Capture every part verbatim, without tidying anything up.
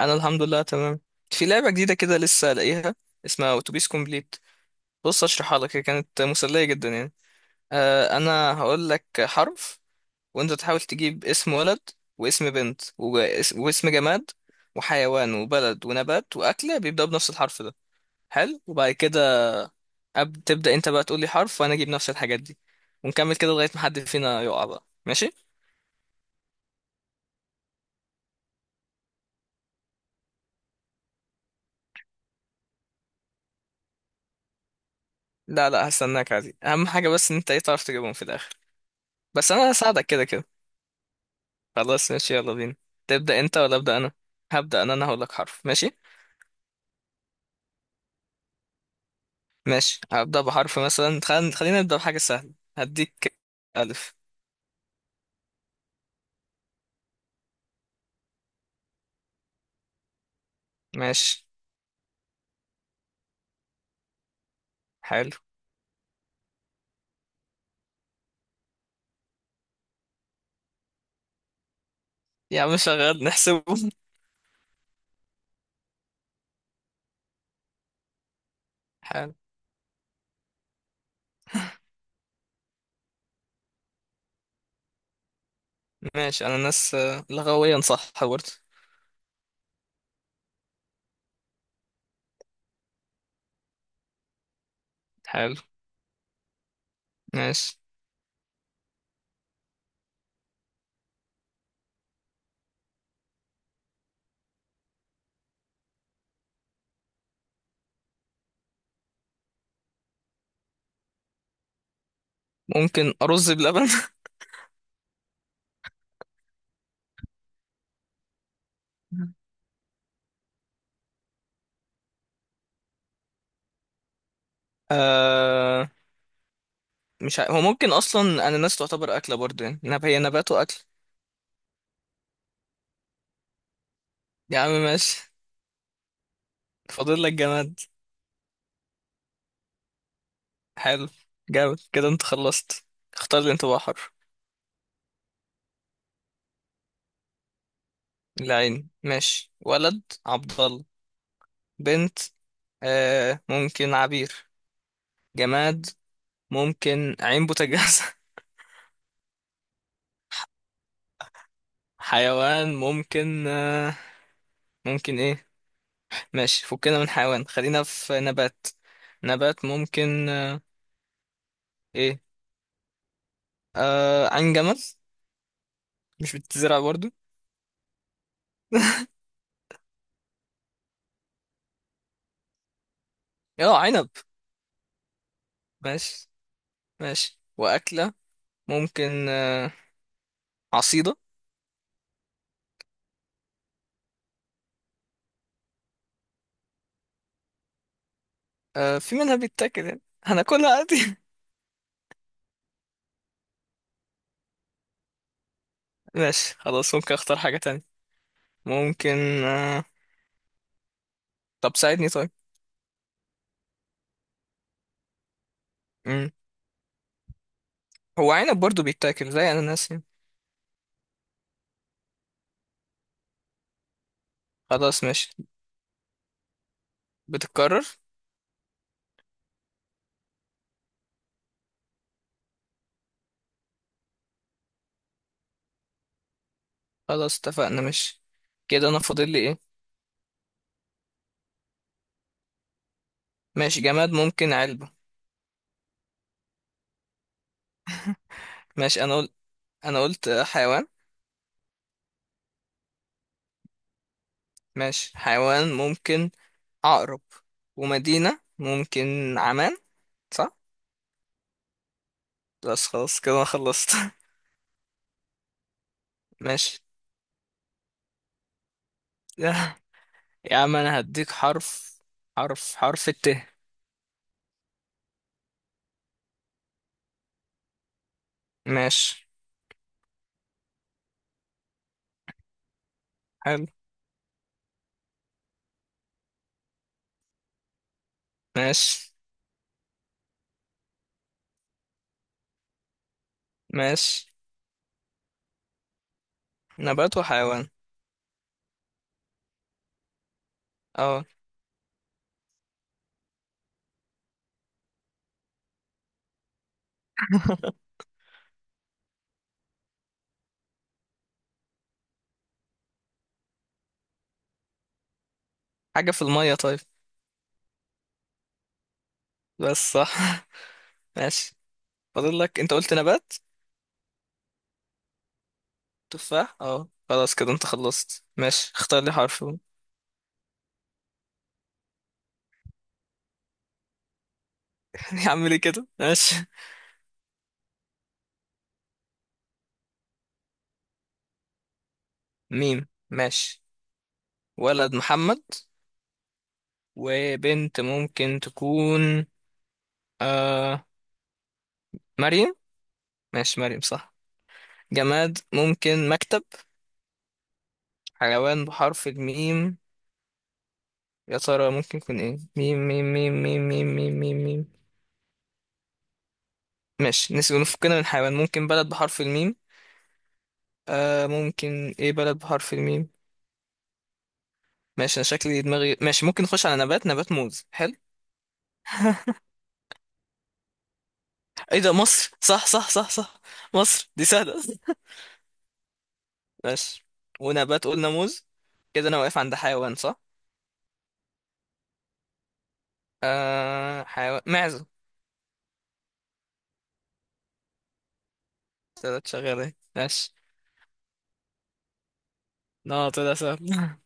انا الحمد لله تمام. في لعبه جديده كده لسه لاقيها، اسمها اتوبيس كومبليت. بص اشرحها لك، هي كانت مسليه جدا يعني. آه انا هقول لك حرف وانت تحاول تجيب اسم ولد واسم بنت وجا- واسم جماد وحيوان وبلد ونبات واكله بيبداوا بنفس الحرف ده. حلو، وبعد كده أب... تبدا انت بقى تقول لي حرف وانا اجيب نفس الحاجات دي، ونكمل كده لغايه ما حد فينا يقع بقى، ماشي؟ لا لا، هستناك عادي، اهم حاجه بس ان انت ايه، تعرف تجيبهم في الاخر. بس انا هساعدك كده كده. خلاص ماشي، يلا بينا. تبدأ انت ولا أبدأ انا؟ هبدأ انا. انا هقول لك حرف، ماشي؟ ماشي، هبدأ بحرف مثلا خل... خلينا نبدأ بحاجة سهلة هديك. ألف. ماشي، حلو. يا عم شغال، نحسبه. حلو. ماشي، انا ناس، آه، لغويا صح برضه. حلو. ماشي، ممكن أرز بلبن. آه... مش ع... هو ممكن اصلا انا ناس تعتبر اكلة برضه يعني. نب... هي نبات واكل. يا عم ماشي. فاضل لك جماد. حلو. جامد كده، انت خلصت. اختار لي انت بقى حرف. العين، ماشي. ولد عبد الله. بنت، آه، ممكن عبير. جماد، ممكن عين بوتاجاز. حيوان ممكن، آه ممكن ايه ماشي فكنا من حيوان، خلينا في نبات. نبات ممكن، آه ايه آه عين جمل، مش بتزرع برضو. اه، عنب. ماشي. ماشي، وأكلة ممكن، آه، عصيدة. آه، في منها بيتاكل يعني، هناكلها عادي. ماشي خلاص، ممكن اختار حاجة تانية. ممكن، آه، طب ساعدني طيب. مم. هو عنب برضو بيتاكل زي اناناس يعني. خلاص ماشي، بتتكرر. خلاص اتفقنا ماشي. كده انا فاضل لي ايه؟ ماشي، جماد ممكن علبة. ماشي. انا قلت انا قلت حيوان. ماشي، حيوان ممكن عقرب، ومدينة ممكن عمان، صح؟ بس خلاص كده انا خلصت. ماشي. يا عم انا هديك حرف. حرف حرف الت. ماشي. حلو. ماشي. ماشي نبات وحيوان. اه، حاجة في المية طيب. بس صح. ماشي، فاضل لك، انت قلت نبات. تفاح، اه. خلاص كده انت خلصت، ماشي. اختار لي حرف. يا عم ليه كده، ماشي. ميم، ماشي. ولد محمد. وبنت ممكن تكون، آه، مريم. ماشي، مريم صح. جماد ممكن مكتب. حيوان بحرف الميم، يا ترى ممكن يكون ايه؟ ميم ميم ميم ميم ميم ميم ميم ميم ماشي نسيب، نفكنا من حيوان. ممكن بلد بحرف الميم، آه ممكن ايه بلد بحرف الميم؟ ماشي انا شكلي دماغي ماشي، ممكن نخش على نبات. نبات موز، حلو. ايه ده، مصر، صح صح صح صح. مصر دي سهلة. ماشي. ونبات قلنا موز، كده انا واقف عند حيوان، صح؟ آه حيوان معزة. طلعت شغالة اهي. ماشي. لا طلع سهل.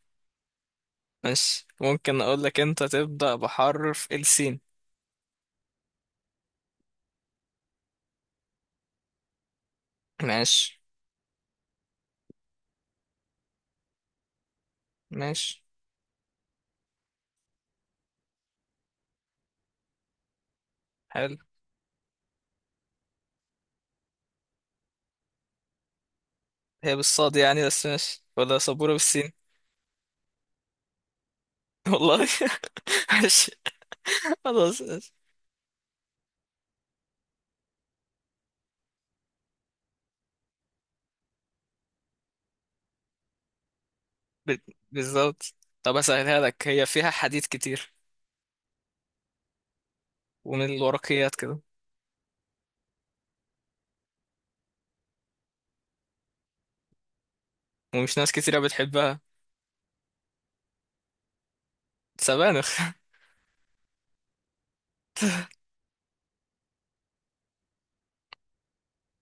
ماشي، ممكن اقول لك انت تبدأ بحرف السين. ماشي. ماشي. حلو. هي بالصاد يعني، بس ماشي، ولا سبورة بالسين. والله. ماشي، خلاص. ب- بالظبط. طب اسهلها لك، هي فيها حديد كتير، ومن الورقيات كده، ومش ناس كتيرة بتحبها. سبانخ.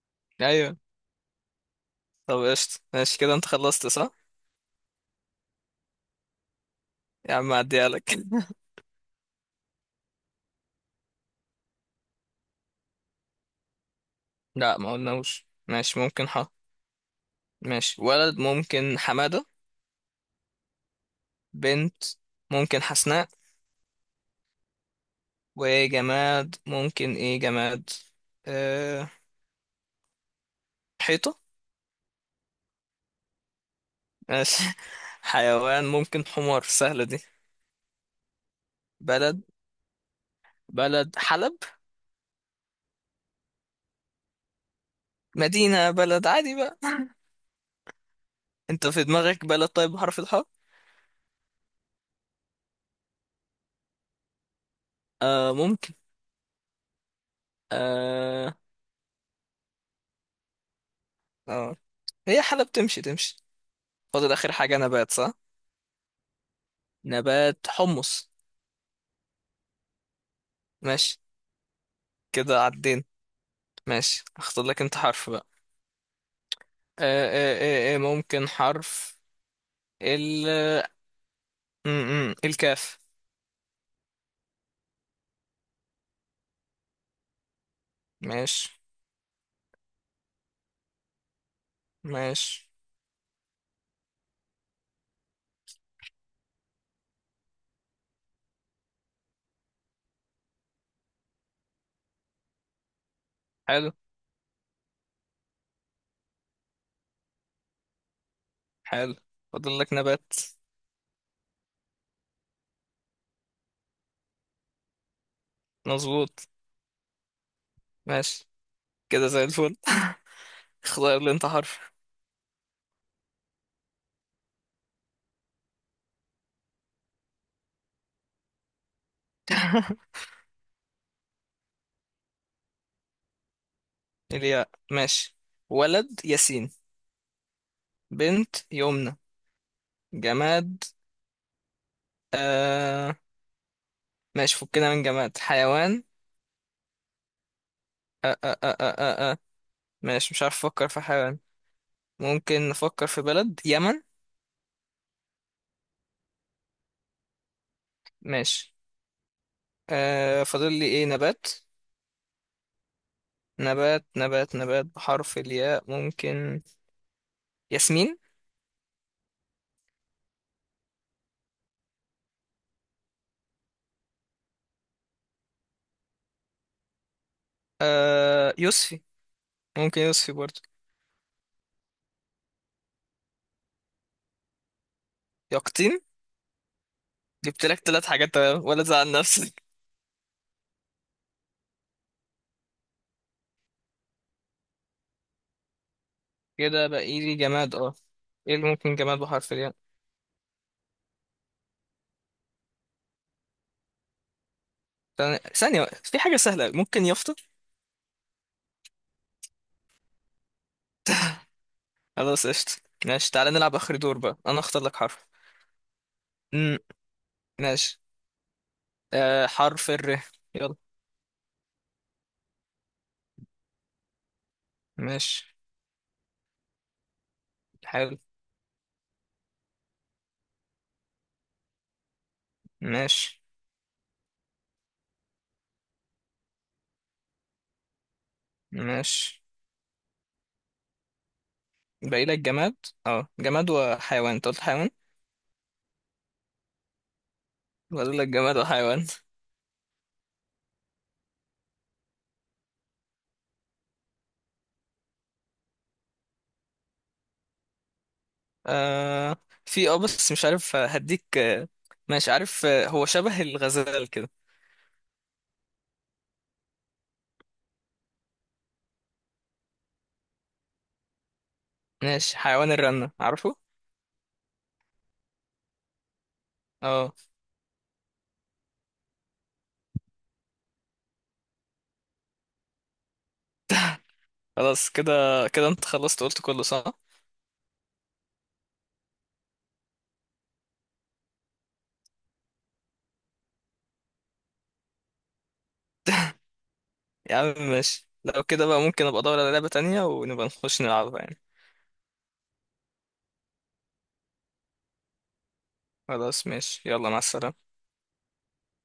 ايوه. طب قشطة، ماشي كده انت خلصت، صح؟ يا عم اعديها لك. لا ما قلناش، ماشي ممكن ح. ماشي، ولد ممكن حمادة. بنت ممكن حسناء. وجماد ممكن ايه جماد، أه... حيطة. ماشي. حيوان ممكن حمار، سهلة دي. بلد، بلد حلب. مدينة بلد عادي بقى. انت في دماغك بلد طيب بحرف الحاء؟ آه ممكن آه آه هي حالة بتمشي تمشي. فاضل آخر حاجة نبات، صح؟ نبات حمص. ماشي. كده عدين. ماشي، اختار لك انت حرف بقى. آه آه آه آه ممكن حرف ال م -م. الكاف. ماشي. ماشي. حلو. حلو. فاضل لك نبات. مظبوط. ماشي. كده زي الفل. اختار لي انت حرف. الياء، ماشي. ولد ياسين. بنت يمنى. جماد، آه ماشي فكنا من جماد. حيوان، آه آه آه آه آه آه. ماشي مش عارف افكر في حيوان. ممكن نفكر في بلد، يمن. ماشي. آه، فاضل لي ايه، نبات. نبات نبات نبات بحرف الياء، ممكن ياسمين. آه يوسفي، ممكن يوسفي برضه. يقطين. جبت لك ثلاث حاجات، تمام ولا تزعل نفسك. كده بقى لي جماد، اه. ايه اللي ممكن جماد بحرف الياء؟ ثانية ثانية، في حاجة سهلة، ممكن يافطة. خلاص قشطة. ماشي، تعالى نلعب آخر دور بقى، أنا أختار لك حرف. مم. ماشي. آه حرف الر، يلا. ماشي. حلو. ماشي. ماشي، باقي لك جماد. اه، جماد وحيوان، انت قلت حيوان. باقي لك جماد وحيوان. آه في، اه بس مش عارف، آه، هديك، آه، ماشي عارف، آه، هو شبه الغزال كده. ماشي، حيوان الرنة، عارفه؟ اه. خلاص كده، كده انت خلصت، قلت كله صح. يا عم ماشي، لو كده بقى ممكن ابقى ادور على لعبة تانية ونبقى نخش نلعبها يعني. خلاص ماشي، يلا مع السلامة.